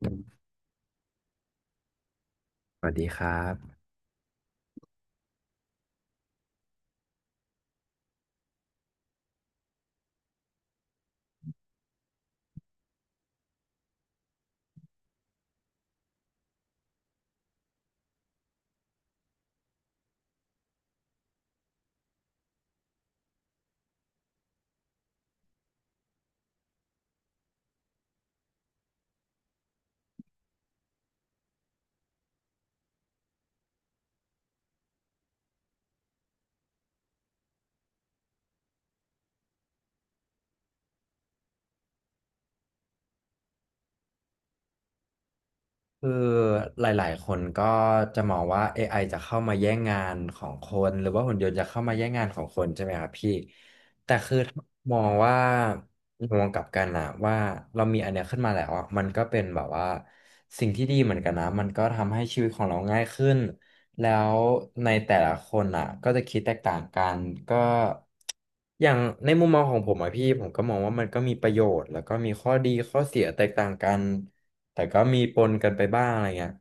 สวัสดีครับคือหลายๆคนก็จะมองว่า AI จะเข้ามาแย่งงานของคนหรือว่าหุ่นยนต์จะเข้ามาแย่งงานของคนใช่ไหมครับพี่ มองว่ามองกลับกันนะว่าเรามีอันเนี้ยขึ้นมาแล้วอะมันก็เป็นแบบว่าสิ่งที่ดีเหมือนกันนะมันก็ทำให้ชีวิตของเราง่ายขึ้นแล้วในแต่ละคนอ่ะก็จะคิดแตกต่างกันก็อย่างในมุมมองของผมอะพี่ผมก็มองว่ามันก็มีประโยชน์แล้วก็มีข้อดีข้อเสียแตกต่างกันแต่ก็มีปนกันไปบ้างอะไรเงี้ย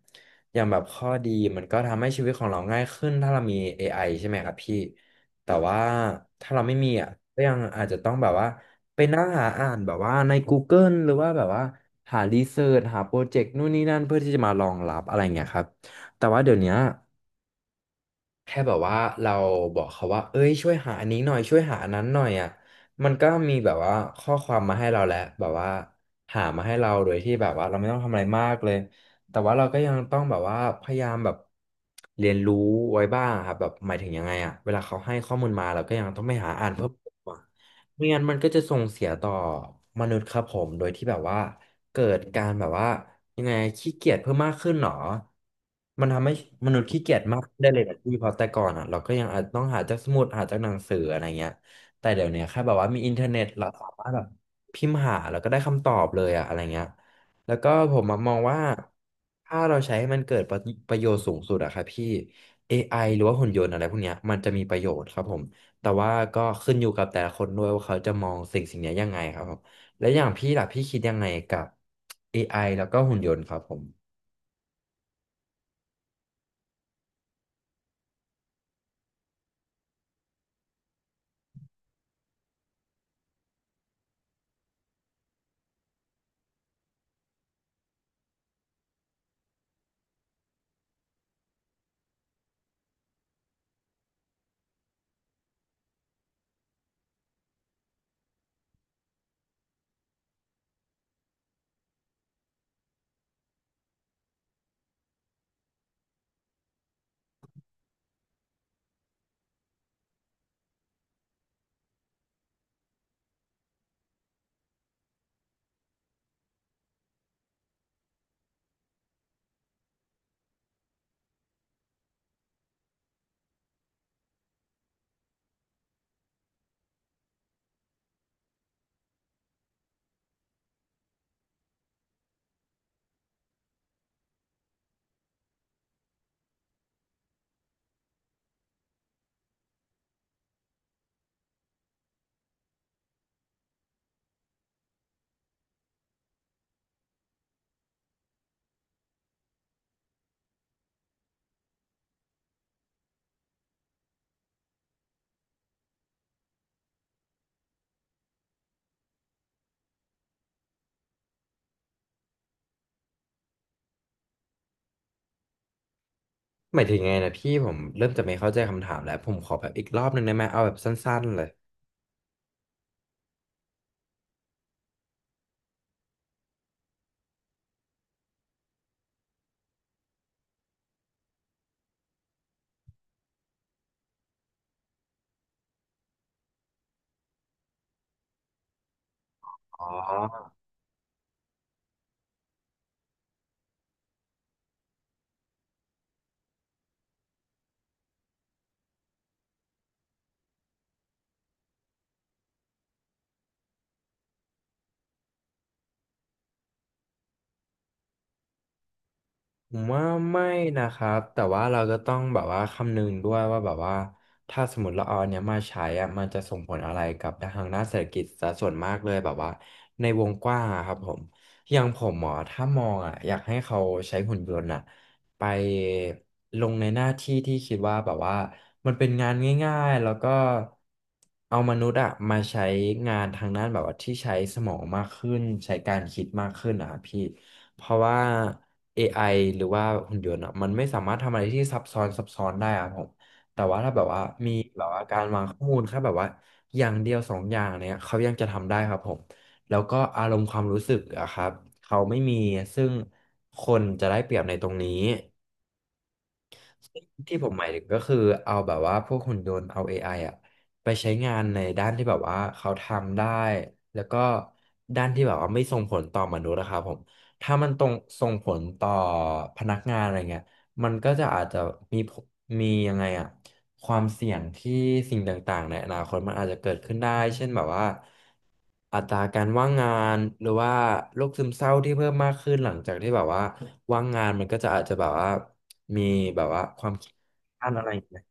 อย่างแบบข้อดีมันก็ทำให้ชีวิตของเราง่ายขึ้นถ้าเรามี AI ใช่ไหมครับพี่ แต่ว่าถ้าเราไม่มีอ่ะก็ยังอาจจะต้องแบบว่าไปนั่งหาอ่านแบบว่าใน Google หรือว่าแบบว่าหารีเสิร์ชหาโปรเจกต์นู่นนี่นั่นเพื่อที่จะมารองรับอะไรเงี้ยครับแต่ว่าเดี๋ยวเนี้ย แค่แบบว่าเราบอกเขาว่าเอ้ยช่วยหาอันนี้หน่อยช่วยหาอันนั้นหน่อยอ่ะมันก็มีแบบว่าข้อความมาให้เราแล้วแบบว่าหามาให้เราโดยที่แบบว่าเราไม่ต้องทำอะไรมากเลยแต่ว่าเราก็ยังต้องแบบว่าพยายามแบบเรียนรู้ไว้บ้างครับแบบหมายถึงยังไงอ่ะเวลาเขาให้ข้อมูลมาเราก็ยังต้องไปหาอ่านเพิ่มเติมอะ ไม่งั้นมันก็จะส่งเสียต่อมนุษย์ครับผมโดยที่แบบว่าเกิดการแบบว่ายังไงขี้เกียจเพิ่มมากขึ้นหรอมันทำให้มนุษย์ขี้เกียจมากขึ้นได้เลยนะพี่เพราะแต่ก่อนอ่ะเราก็ยังอาจต้องหาจากสมุดหาจากหนังสืออะไรเงี้ยแต่เดี๋ยวเนี้ยแค่แบบว่ามีอินเทอร์เน็ตเราสามารถแบบพิมพ์หาแล้วก็ได้คำตอบเลยอะอะไรเงี้ยแล้วก็ผมมองว่าถ้าเราใช้ให้มันเกิดประโยชน์สูงสุดอะครับพี่ AI หรือว่าหุ่นยนต์อะไรพวกเนี้ยมันจะมีประโยชน์ครับผม แต่ว่าก็ขึ้นอยู่กับแต่ละคนด้วยว่าเขาจะมองสิ่งสิ่งนี้ยังไงครับผมและอย่างพี่ล่ะพี่คิดยังไงกับ AI แล้วก็หุ่นยนต์ครับผมหมายถึงไงนะพี่ผมเริ่มจะไม่เข้าใจคำถามแล้วผมขอแบบอีกรอบหนึ่งได้ไหมเอาแบบสั้นๆเลยอ๋อ ผมว่าไม่นะครับแต่ว่าเราก็ต้องแบบว่าคำนึงด้วยว่าแบบว่าถ้าสมมติเราเอาอันเนี้ยมาใช้อะมันจะส่งผลอะไรกับทางด้านเศรษฐกิจซะส่วนมากเลยแบบว่าในวงกว้างอะครับผมอย่างผมหมอถ้ามองอ่ะอยากให้เขาใช้หุ่นยนต์อ่ะไปลงในหน้าที่ที่คิดว่าแบบว่ามันเป็นงานง่ายๆแล้วก็เอามนุษย์อ่ะมาใช้งานทางด้านแบบว่าที่ใช้สมองมากขึ้นใช้การคิดมากขึ้นอ่ะพี่ เพราะว่า AI หรือว่าหุ่นยนต์อะมันไม่สามารถทำอะไรที่ซับซ้อนซับซ้อนได้อะผม แต่ว่าถ้าแบบว่ามีแบบว่าการวางข้อมูลแค่แบบว่าอย่างเดียวสองอย่างเนี้ยเขายังจะทำได้ครับผม แล้วก็อารมณ์ความรู้สึกอะครับ เขาไม่มีซึ่งคนจะได้เปรียบในตรงนี้ ที่ผมหมายถึงก็คือเอาแบบว่าพวกหุ่นยนต์เอา AI อไออ่ะไปใช้งานในด้านที่แบบว่าเขาทำได้แล้วก็ด้านที่แบบว่าไม่ส่งผลต่อมนุษย์นะครับผมถ้ามันตรงส่งผลต่อพนักงานอะไรเงี้ยมันก็จะอาจจะมีผลมียังไงอะ ความเสี่ยงที่สิ่งต่างๆในอนาคตมันอาจจะเกิดขึ้นได้เช่นแบบว่าอัตราการว่างงานหรือว่าโรคซึมเศร้าที่เพิ่มมากขึ้นหลังจากที่แบบว่าว่างงานมันก็จะอาจจะแบบว่ามีแบบว่าความคิดด้านอะไรอย่างเงี้ย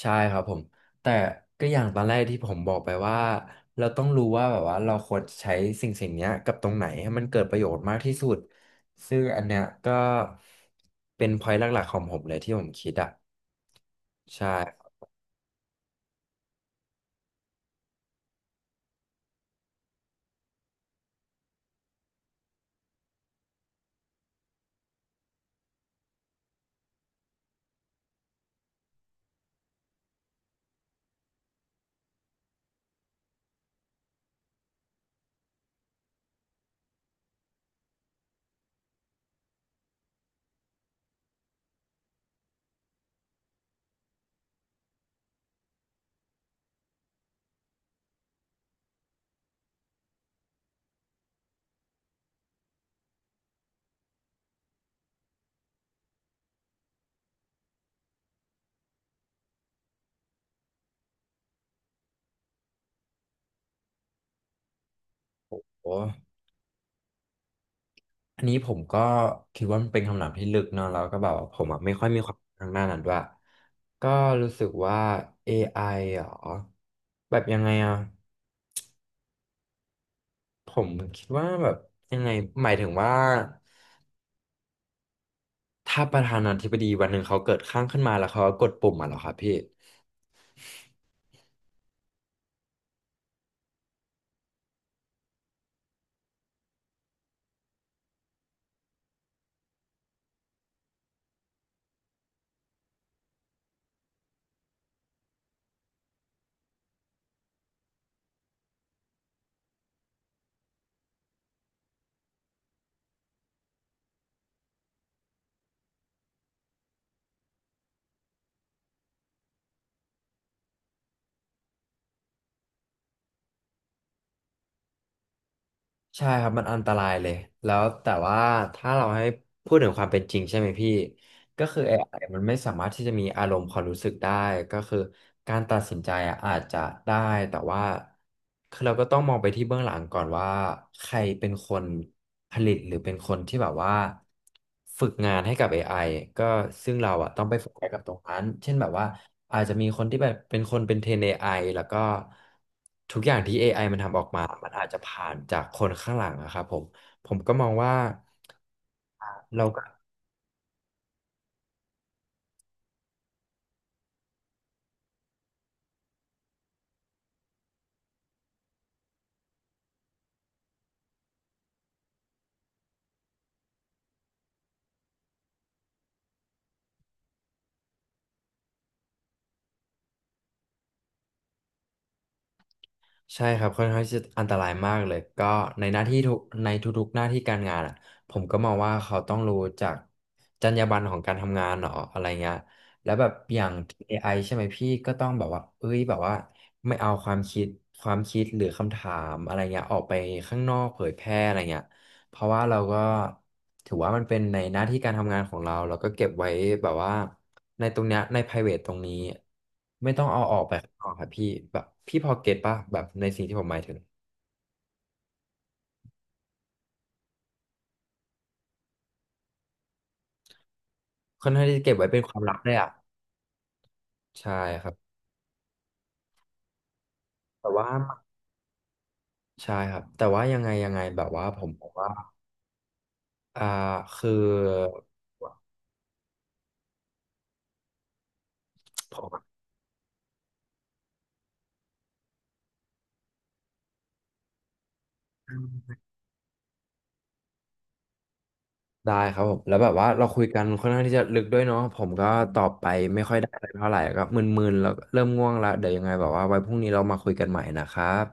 ใช่ครับผมแต่ก็อย่างตอนแรกที่ผมบอกไปว่าเราต้องรู้ว่าแบบว่าเราควรใช้สิ่งสิ่งเนี้ยกับตรงไหนให้มันเกิดประโยชน์มากที่สุดซึ่งอันเนี้ยก็เป็น point หลักๆของผมเลยที่ผมคิดอ่ะใช่โอ้ อันนี้ผมก็คิดว่ามันเป็นคำถามที่ลึกเนาะแล้วก็แบบว่าผมอะไม่ค่อยมีความรู้ทางด้านนั้นด้วยก็รู้สึกว่า AI เหรอแบบยังไงอ่ะผมคิดว่าแบบยังไงหมายถึงว่าถ้าประธานาธิบดีวันหนึ่งเขาเกิดข้างขึ้นมาแล้วเขาก็กดปุ่มอ่ะเหรอครับพี่ใช่ครับมันอันตรายเลยแล้วแต่ว่าถ้าเราให้พูดถึงความเป็นจริงใช่ไหมพี่ ก็คือเอไอมันไม่สามารถที่จะมีอารมณ์ความรู้สึกได้ก็คือการตัดสินใจอะอาจจะได้แต่ว่าคือเราก็ต้องมองไปที่เบื้องหลังก่อนว่าใครเป็นคนผลิตหรือเป็นคนที่แบบว่าฝึกงานให้กับ a อไอก็ซึ่งเราอะต้องไปโฟกัสกับตรงนั้นเช่นแบบว่าอาจจะมีคนที่แบบเป็นคนเป็นเทรนเอไอแล้วก็ทุกอย่างที่ a อไอมันทำออกมามันอาจจะผ่านจากคนข้างหลังอะครับผมผมก็มองว่าเราก็ ใช่ครับค่อนข้างที่จะอันตรายมากเลยก็ในหน้าที่ทุกในทุกๆหน้าที่การงานอ่ะผมก็มองว่าเขาต้องรู้จากจรรยาบรรณของการทำงานเนาะอะไรเงี้ยแล้วแบบอย่าง AI ใช่ไหมพี่ก็ต้องแบบว่าเอ้ยแบบว่าไม่เอาความคิดหรือคำถามอะไรเงี้ยออกไปข้างนอกเผยแพร่อะไรเงี้ย เพราะว่าเราก็ถือว่ามันเป็นในหน้าที่การทำงานของเราเราก็เก็บไว้แบบว่าในตรงเนี้ยใน private ตรงนี้ไม่ต้องเอาออกไปข้างนอกครับพี่แบบพี่พอเก็ตป่ะแบบในสิ่งที่ผมหมายถึงค่อนข้างที่จะเก็บไว้เป็นความลับเลยอ่ะใช่ครับแต่ว่าใช่ครับแต่ว่ายังไงแบบว่าผมบอกว่าอ่าคือผม ได้ครับผมแล้วแบบว่าเราคุยกันค่อนข้างที่จะลึกด้วยเนาะผมก็ตอบไปไม่ค่อยได้อะไรเท่าไหร่ก็มึนๆแล้วเริ่มง่วงละเดี๋ยวยังไงแบบว่าไว้พรุ่งนี้เรามาคุยกันใหม่นะครับ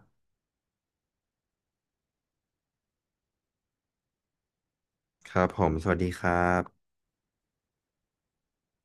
ครับผมสวัสดีครับ